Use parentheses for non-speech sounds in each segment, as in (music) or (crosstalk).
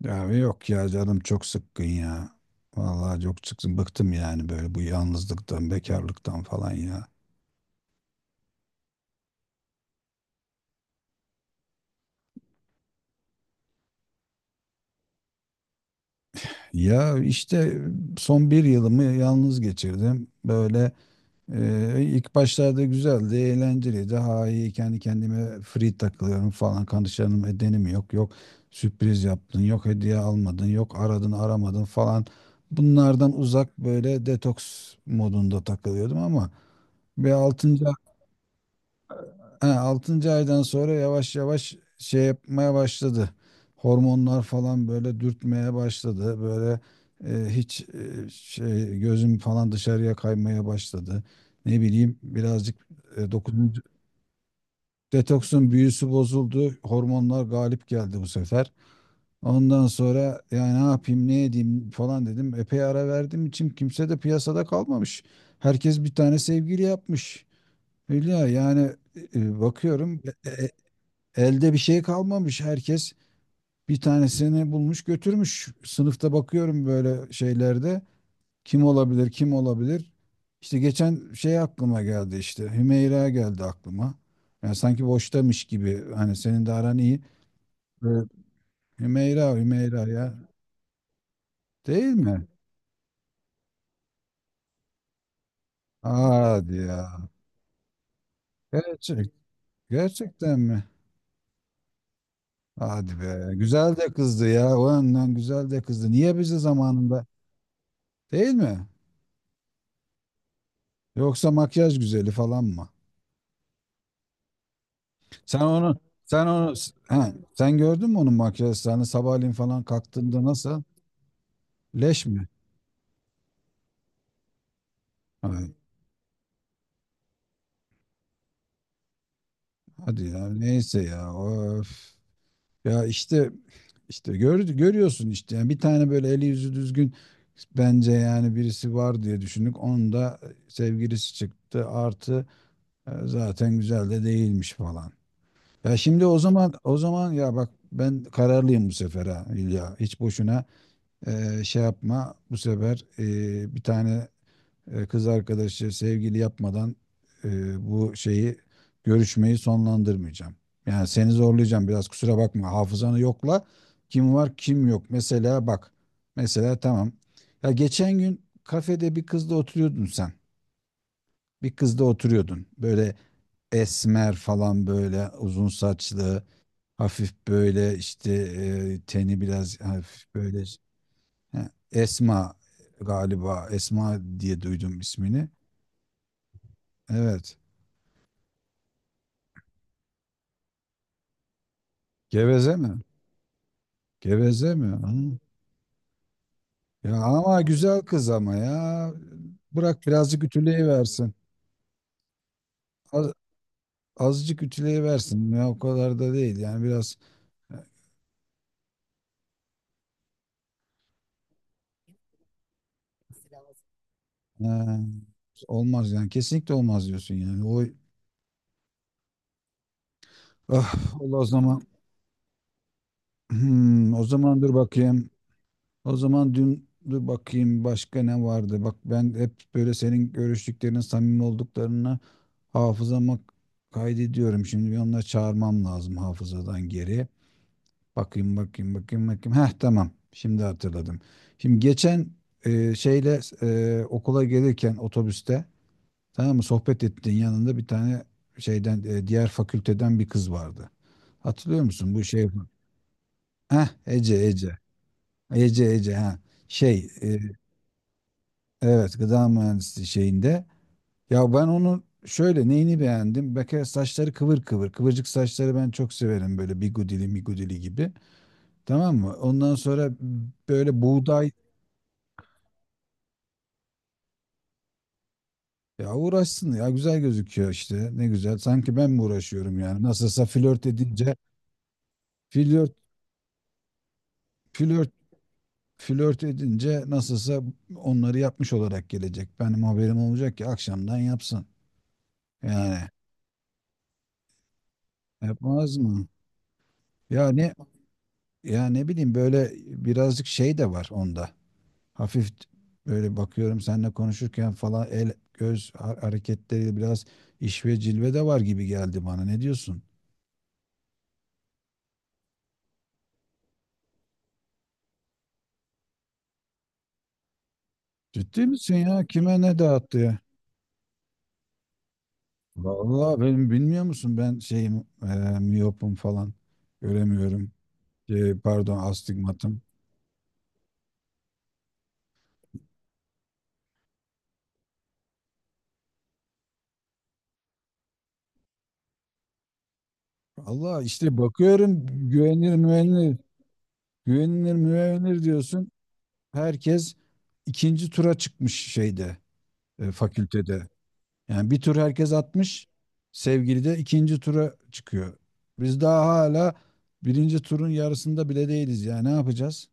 Ya yok ya canım çok sıkkın ya. Vallahi çok sıkkın. Bıktım yani böyle bu yalnızlıktan, bekarlıktan falan ya. Ya işte son bir yılımı yalnız geçirdim. Böyle ilk başlarda güzeldi, eğlenceliydi. Daha iyi kendi kendime free takılıyorum falan. Kanışlarım edenim yok. Yok sürpriz yaptın, yok hediye almadın, yok aradın aramadın falan. Bunlardan uzak böyle detoks modunda takılıyordum ama bir 6. Ha, 6. aydan sonra yavaş yavaş şey yapmaya başladı. Hormonlar falan böyle dürtmeye başladı. Böyle hiç şey gözüm falan dışarıya kaymaya başladı. Ne bileyim birazcık dokuzuncu detoksun büyüsü bozuldu. Hormonlar galip geldi bu sefer. Ondan sonra yani ne yapayım ne edeyim falan dedim. Epey ara verdim için kimse de piyasada kalmamış. Herkes bir tane sevgili yapmış. Hülya, yani bakıyorum, elde bir şey kalmamış. Herkes bir tanesini bulmuş götürmüş. Sınıfta bakıyorum böyle şeylerde. Kim olabilir, kim olabilir? İşte geçen şey aklıma geldi işte. Hümeyra geldi aklıma. Yani sanki boştamış gibi. Hani senin de aran iyi. Evet. Hümeyra, Hümeyra ya. Değil mi? Hadi ya. Gerçek, gerçekten mi? Hadi be. Güzel de kızdı ya. O yönden güzel de kızdı. Niye bizi zamanında? Değil mi? Yoksa makyaj güzeli falan mı? Sen onu sen onu he, Sen gördün mü onun makyajlarını sabahleyin falan kalktığında nasıl? Leş mi? Ay, hadi ya neyse ya of. Ya işte gör, görüyorsun işte yani bir tane böyle eli yüzü düzgün bence yani birisi var diye düşündük. Onun da sevgilisi çıktı, artı zaten güzel de değilmiş falan. Ya şimdi o zaman o zaman ya bak, ben kararlıyım bu sefer ha İlya. Hiç boşuna şey yapma bu sefer, bir tane kız arkadaşı sevgili yapmadan e, bu şeyi görüşmeyi sonlandırmayacağım. Yani seni zorlayacağım biraz, kusura bakma, hafızanı yokla kim var kim yok. Mesela bak, tamam, ya geçen gün kafede bir kızla oturuyordun sen, bir kızla oturuyordun böyle esmer falan, böyle uzun saçlı, hafif böyle işte teni biraz hafif böyle. He, Esma, galiba Esma diye duydum ismini. Evet. Geveze mi? Geveze mi? Hı. Ya ama güzel kız ama ya. Bırak birazcık ütüleyiversin. Az, azıcık ütüleyiversin. Ya o kadar da değil. Yani biraz e, olmaz yani. Kesinlikle olmaz diyorsun yani. Oy, ah, Allah o zaman. Hmm, o zaman dur bakayım. O zaman dün dur bakayım, başka ne vardı? Bak, ben hep böyle senin görüştüklerinin samimi olduklarını hafızama kaydediyorum. Şimdi bir onları çağırmam lazım hafızadan geri. Bakayım bakayım bakayım bakayım. Heh, tamam. Şimdi hatırladım. Şimdi geçen şeyle, okula gelirken otobüste, tamam mı, sohbet ettiğin yanında bir tane şeyden, diğer fakülteden bir kız vardı. Hatırlıyor musun bu şey? Heh, Ece Ece. Ece Ece ha. Şey evet, gıda mühendisliği şeyinde. Ya ben onu şöyle neyini beğendim? Bir kere saçları kıvır kıvır. Kıvırcık saçları ben çok severim, böyle bigudili migudili gibi. Tamam mı? Ondan sonra böyle buğday. Ya uğraşsın ya, güzel gözüküyor işte, ne güzel, sanki ben mi uğraşıyorum yani, nasılsa flört edince flört flört flört edince nasılsa onları yapmış olarak gelecek, benim haberim olacak ki akşamdan yapsın yani, yapmaz mı, ya ne ya ne bileyim böyle, birazcık şey de var onda, hafif böyle bakıyorum seninle konuşurken falan el göz hareketleri biraz, iş ve cilve de var gibi geldi bana, ne diyorsun? Ciddi misin ya, kime ne dağıttı? Vallahi benim, bilmiyor musun, ben şeyim, miyopum falan, göremiyorum. Pardon, astigmatım. Allah işte bakıyorum, güvenilir güvenilir güvenilir güvenilir diyorsun. Herkes ikinci tura çıkmış şeyde, fakültede. Yani bir tur herkes atmış. Sevgili de ikinci tura çıkıyor. Biz daha hala birinci turun yarısında bile değiliz ya. Ne yapacağız?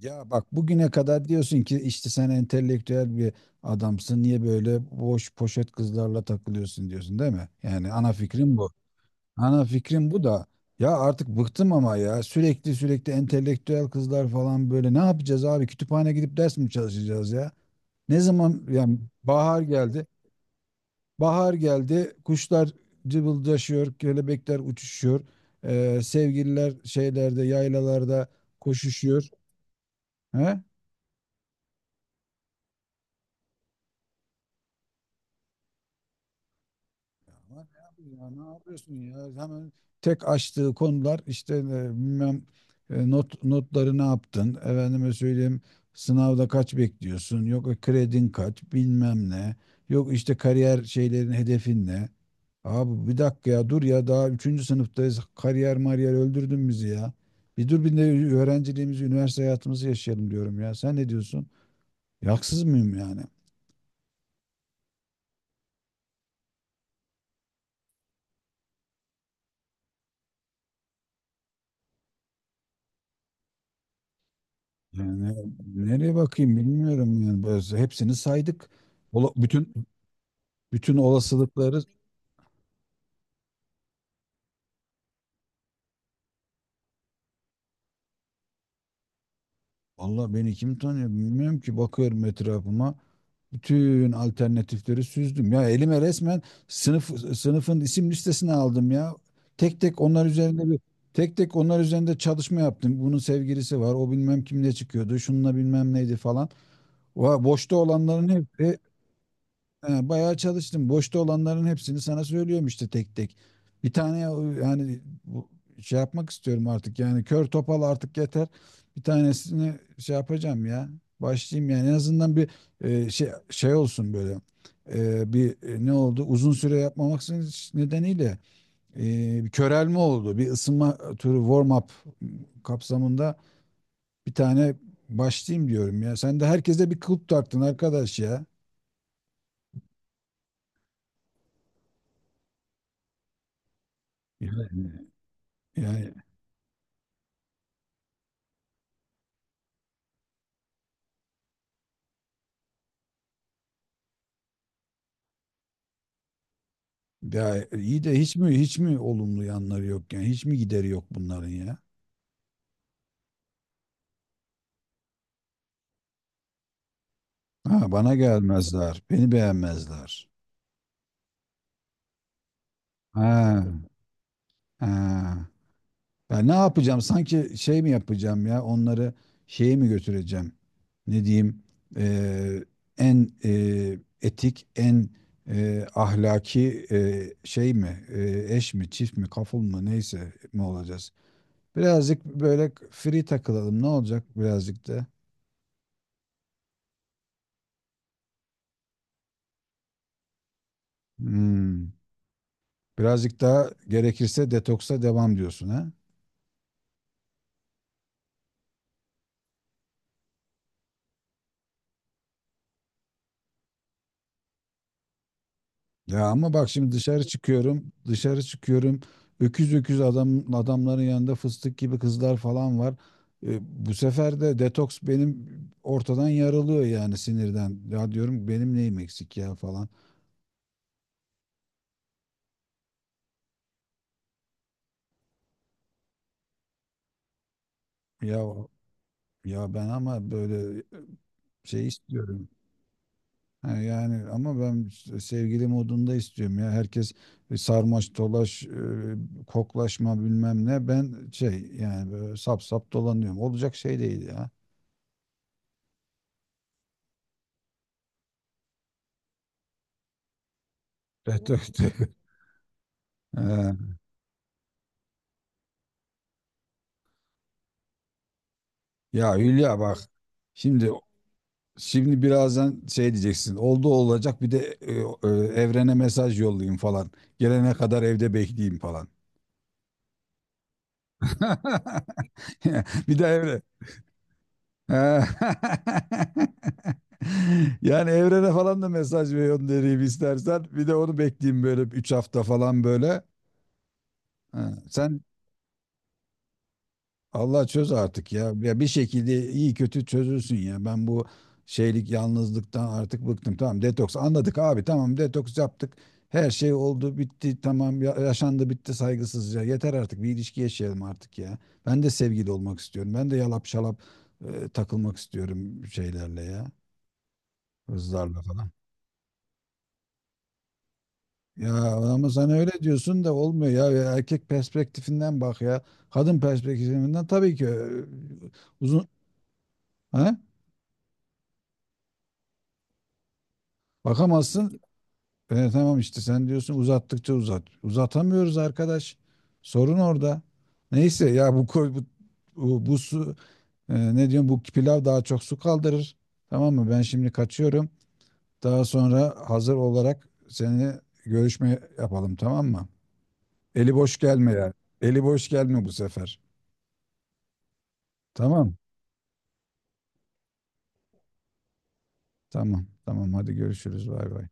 Ya bak, bugüne kadar diyorsun ki işte, sen entelektüel bir adamsın. Niye böyle boş poşet kızlarla takılıyorsun diyorsun, değil mi? Yani ana fikrim bu. Ana fikrim bu da, ya artık bıktım ama ya, sürekli sürekli entelektüel kızlar falan, böyle ne yapacağız abi? Kütüphane gidip ders mi çalışacağız ya? Ne zaman yani, bahar geldi. Bahar geldi. Kuşlar cıvıldaşıyor, kelebekler uçuşuyor. Sevgililer şeylerde, yaylalarda koşuşuyor. He? Ama ne yapayım ya, ne yapıyorsun ya? Hemen tek açtığı konular işte bilmem, not notları ne yaptın? Efendime söyleyeyim, sınavda kaç bekliyorsun? Yok kredin kaç? Bilmem ne. Yok işte kariyer şeylerin, hedefin ne? Abi bir dakika ya, dur ya, daha üçüncü sınıftayız. Kariyer mariyer, öldürdün bizi ya. Bir dur, bir de öğrenciliğimizi, üniversite hayatımızı yaşayalım diyorum ya. Sen ne diyorsun? Yaksız mıyım yani? Yani nereye bakayım bilmiyorum yani. Biz hepsini saydık. Ola- bütün Bütün olasılıkları. Allah beni kim tanıyor bilmiyorum ki, bakıyorum etrafıma. Bütün alternatifleri süzdüm. Ya elime resmen sınıfın isim listesini aldım ya. Tek tek onlar üzerinde bir Tek tek onlar üzerinde çalışma yaptım. Bunun sevgilisi var. O bilmem kimle çıkıyordu. Şununla bilmem neydi falan. Boşta olanların hepsi. Ha, bayağı çalıştım. Boşta olanların hepsini sana söylüyorum işte tek tek. Bir tane yani, bu- şey yapmak istiyorum artık. Yani kör topal, artık yeter. Bir tanesini şey yapacağım ya. Başlayayım yani en azından, bir şey olsun böyle. Bir ne oldu? Uzun süre yapmamak nedeniyle e, bir körelme oldu. Bir ısınma turu, warm up kapsamında bir tane başlayayım diyorum ya. Sen de herkese bir kulp taktın arkadaş ya. Yani, yani Ya iyi de, hiç mi hiç mi olumlu yanları yok, yani hiç mi gideri yok bunların ya? Ha, bana gelmezler, beni beğenmezler. Ha, ha. Ben ne yapacağım? Sanki şey mi yapacağım ya? Onları şeye mi götüreceğim? Ne diyeyim? Ee, En etik, en ahlaki şey mi? Eş mi, çift mi, kaful mu, neyse mi olacağız? Birazcık böyle free takılalım. Ne olacak birazcık da? Hmm. Birazcık daha gerekirse detoksa devam diyorsun ha. Ya ama bak, şimdi dışarı çıkıyorum. Öküz öküz adam adamların yanında fıstık gibi kızlar falan var. E, Bu sefer de detoks benim ortadan yarılıyor yani, sinirden. Ya diyorum, benim neyim eksik ya falan. Ya ben ama böyle şey istiyorum. Ha, yani ama ben sevgili modunda istiyorum ya. Herkes sarmaş dolaş, koklaşma bilmem ne. Ben şey yani, böyle sap sap dolanıyorum. Olacak şey değil ya. Evet, evet. (laughs) Ee, Ya Hülya bak, şimdi şimdi birazdan şey diyeceksin. Oldu olacak, bir de e, evrene mesaj yollayayım falan. Gelene kadar evde bekleyeyim falan. (laughs) Bir de ha. (laughs) Yani evrene falan da mesaj ve göndereyim istersen. Bir de onu bekleyeyim böyle 3 hafta falan böyle. Ha, sen. Allah çöz artık ya. Ya bir şekilde iyi kötü çözülsün ya. Ben bu şeylik yalnızlıktan artık bıktım. Tamam, detoks anladık abi. Tamam, detoks yaptık. Her şey oldu bitti tamam, yaşandı bitti saygısızca. Yeter artık, bir ilişki yaşayalım artık ya. Ben de sevgili olmak istiyorum. Ben de yalap şalap takılmak istiyorum şeylerle ya. Kızlarla falan. Ya ama sen öyle diyorsun da olmuyor ya. Ya, erkek perspektifinden bak ya. Kadın perspektifinden tabii ki, uzun, ha? Bakamazsın. Tamam işte, sen diyorsun uzattıkça uzat. Uzatamıyoruz arkadaş. Sorun orada. Neyse ya, bu su, ne diyorum, bu pilav daha çok su kaldırır. Tamam mı? Ben şimdi kaçıyorum. Daha sonra hazır olarak seninle görüşme yapalım, tamam mı? Eli boş gelme yani. Eli boş gelme bu sefer. Tamam. Tamam. Tamam. Hadi görüşürüz. Bay bay.